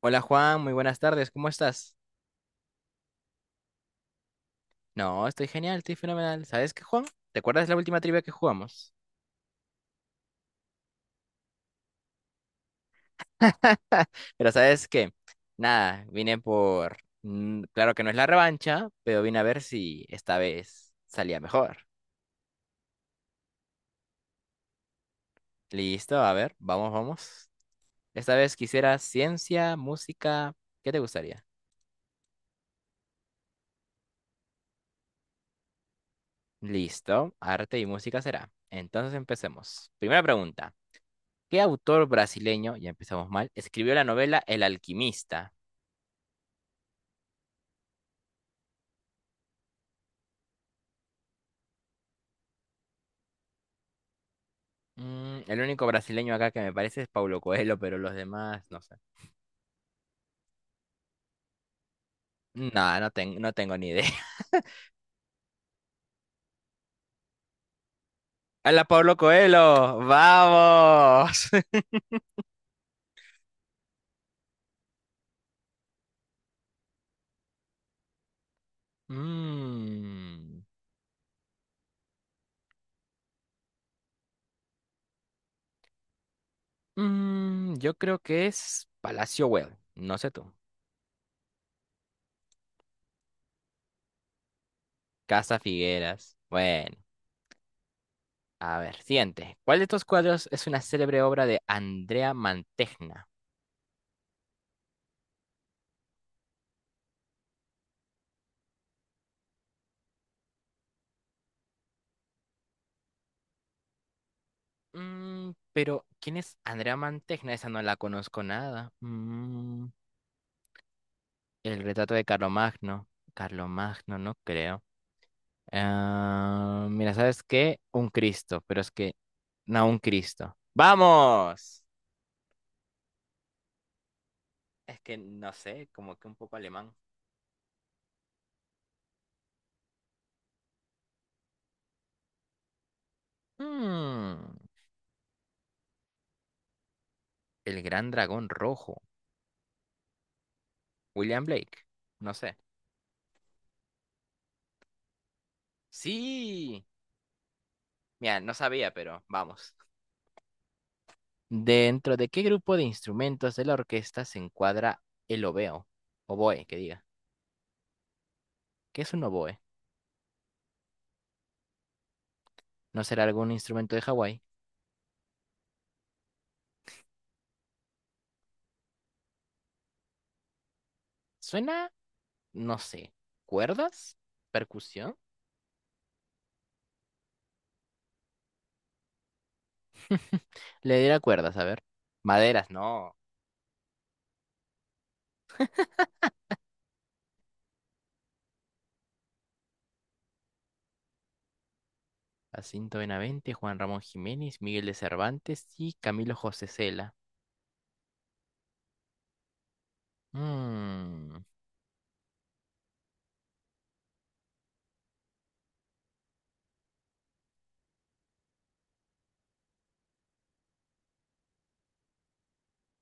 Hola Juan, muy buenas tardes, ¿cómo estás? No, estoy genial, estoy fenomenal. ¿Sabes qué, Juan? ¿Te acuerdas la última trivia que jugamos? Pero ¿sabes qué? Nada, vine por. Claro que no es la revancha, pero vine a ver si esta vez salía mejor. Listo, a ver, vamos, vamos. Esta vez quisiera ciencia, música, ¿qué te gustaría? Listo, arte y música será. Entonces empecemos. Primera pregunta. ¿Qué autor brasileño, ya empezamos mal, escribió la novela El alquimista? El único brasileño acá que me parece es Paulo Coelho, pero los demás no sé. No, no, no tengo ni idea. ¡Hola, Paulo Coelho! ¡Vamos! Mm, yo creo que es Palacio Güell. No sé tú. Casa Figueras. Bueno, a ver, siguiente. ¿Cuál de estos cuadros es una célebre obra de Andrea Mantegna? Pero, ¿quién es Andrea Mantegna? Esa no la conozco nada. El retrato de Carlomagno. Carlomagno, no creo. Ah, mira, ¿sabes qué? Un Cristo, pero es que no un Cristo. ¡Vamos! Es que no sé, como que un poco alemán. Mm, el gran dragón rojo. William Blake. No sé. Sí. Mira, no sabía, pero vamos. ¿Dentro de qué grupo de instrumentos de la orquesta se encuadra el obeo? Oboe, que diga. ¿Qué es un oboe? ¿No será algún instrumento de Hawái? Suena no sé, cuerdas, percusión. Le diera cuerdas, a ver. Maderas, no. Jacinto Benavente, Juan Ramón Jiménez, Miguel de Cervantes y Camilo José Cela. Mm,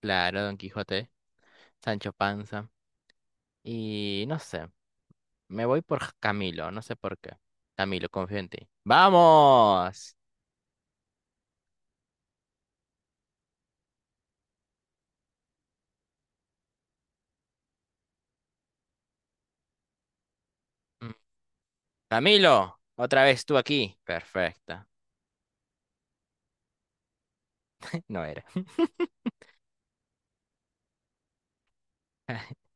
claro, Don Quijote, Sancho Panza. Y no sé, me voy por Camilo, no sé por qué. Camilo, confío en ti. ¡Vamos! Mm, Camilo, otra vez tú aquí. Perfecta. No era.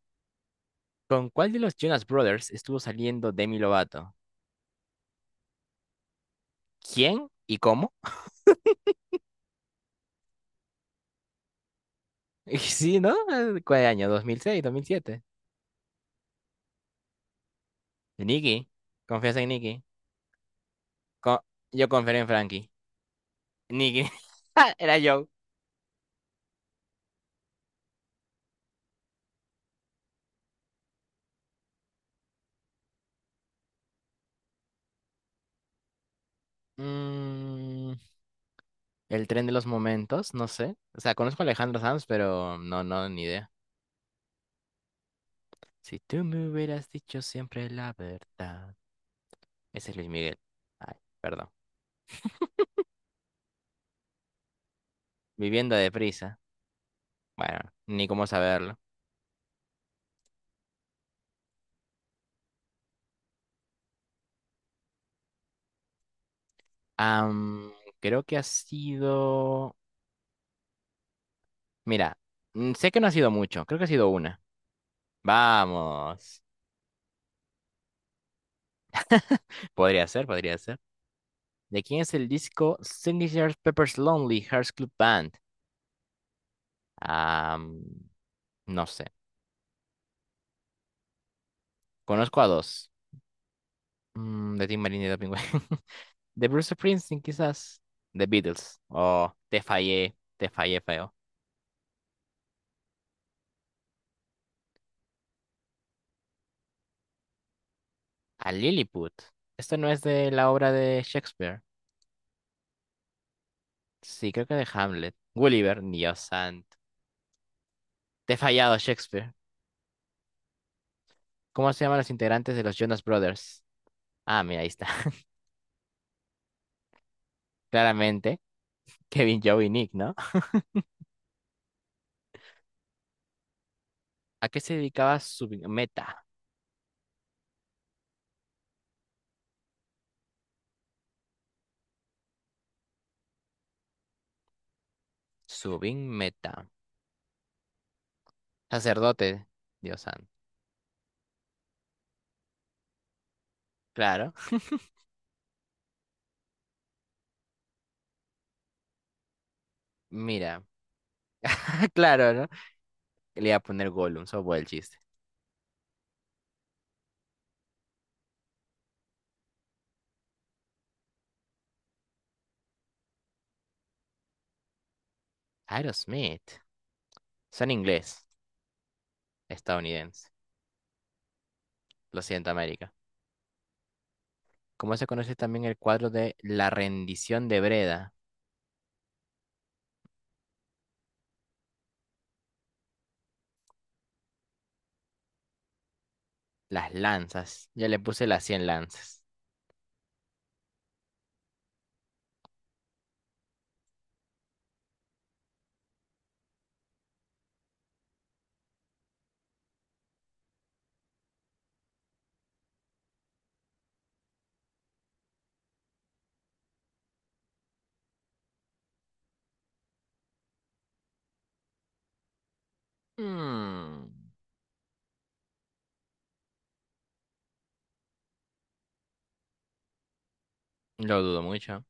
¿Con cuál de los Jonas Brothers estuvo saliendo Demi Lovato? ¿Quién y cómo? Y sí, ¿no? ¿Cuál año? Dos mil seis, 2007. Nicky. Confianza en Nicky. Co- yo confiero en Frankie. Nicky. Era yo. Mm, el tren de los momentos, no sé. O sea, conozco a Alejandro Sanz, pero no, no, ni idea. Si tú me hubieras dicho siempre la verdad. Ese es Luis Miguel. Ay, perdón. Viviendo deprisa. Bueno, ni cómo saberlo. Am, Creo que ha sido... Mira, sé que no ha sido mucho. Creo que ha sido una. Vamos. Podría ser, podría ser. ¿De quién es el disco Signature Pepper's Lonely Hearts Club Band? Ah, mm, no sé. Conozco a dos. De Tim Marine y de Pingüe. De Bruce Springsteen, quizás. The Beatles. Oh, te fallé. Te fallé feo. A Lilliput. Esto no es de la obra de Shakespeare. Sí, creo que de Hamlet. Gulliver, Dios santo. Te he fallado, Shakespeare. ¿Cómo se llaman los integrantes de los Jonas Brothers? Ah, mira, ahí está. Claramente, Kevin, Joe y Nick, ¿no? ¿A qué se dedicaba Subin Meta? Subin Meta. Sacerdote, Dios santo. Claro. Mira. Claro, ¿no? Le iba a poner Gollum, eso fue el chiste. Aerosmith. Son inglés, estadounidense. Lo siento, América. ¿Cómo se conoce también el cuadro de La rendición de Breda? Las lanzas. Ya le puse las 100 lanzas. Mm, lo dudo mucho.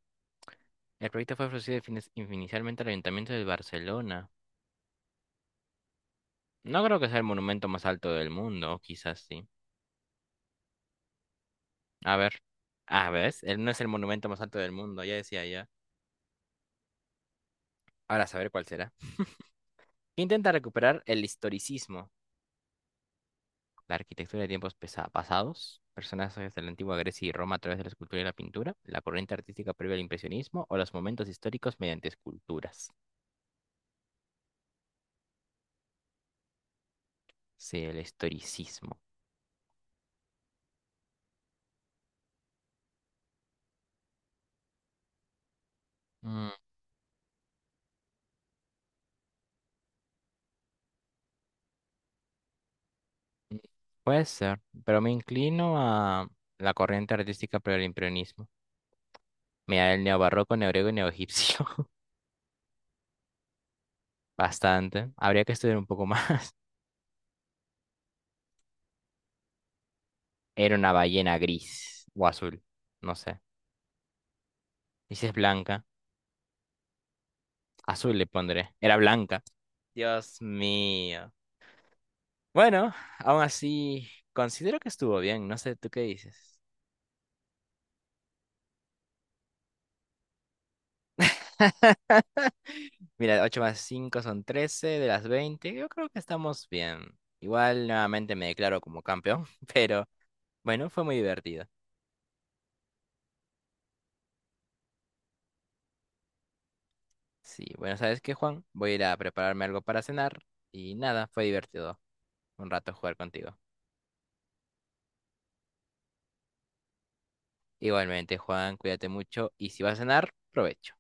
El proyecto fue ofrecido finis inicialmente al Ayuntamiento de Barcelona. No creo que sea el monumento más alto del mundo, o quizás sí. A ver. Ah, ¿ves? Él no es el monumento más alto del mundo, ya decía ya. Ahora a saber cuál será. ¿Qué intenta recuperar el historicismo? La arquitectura de tiempos pasados, personajes de la antigua Grecia y Roma a través de la escultura y la pintura, la corriente artística previa al impresionismo o los momentos históricos mediante esculturas. Sí, el historicismo. Mm, Puede ser, pero me inclino a la corriente artística previa al impresionismo. Mira, el neobarroco, neogrego y neoegipcio. Bastante. Habría que estudiar un poco más. Era una ballena gris o azul, no sé. Y si es blanca, azul le pondré. Era blanca. Dios mío. Bueno, aún así, considero que estuvo bien. No sé, ¿tú qué dices? Mira, ocho más 5 son 13 de las 20. Yo creo que estamos bien. Igual nuevamente me declaro como campeón, pero bueno, fue muy divertido. Sí, bueno, ¿sabes qué, Juan? Voy a ir a prepararme algo para cenar y nada, fue divertido un rato jugar contigo. Igualmente, Juan, cuídate mucho y si vas a cenar, provecho.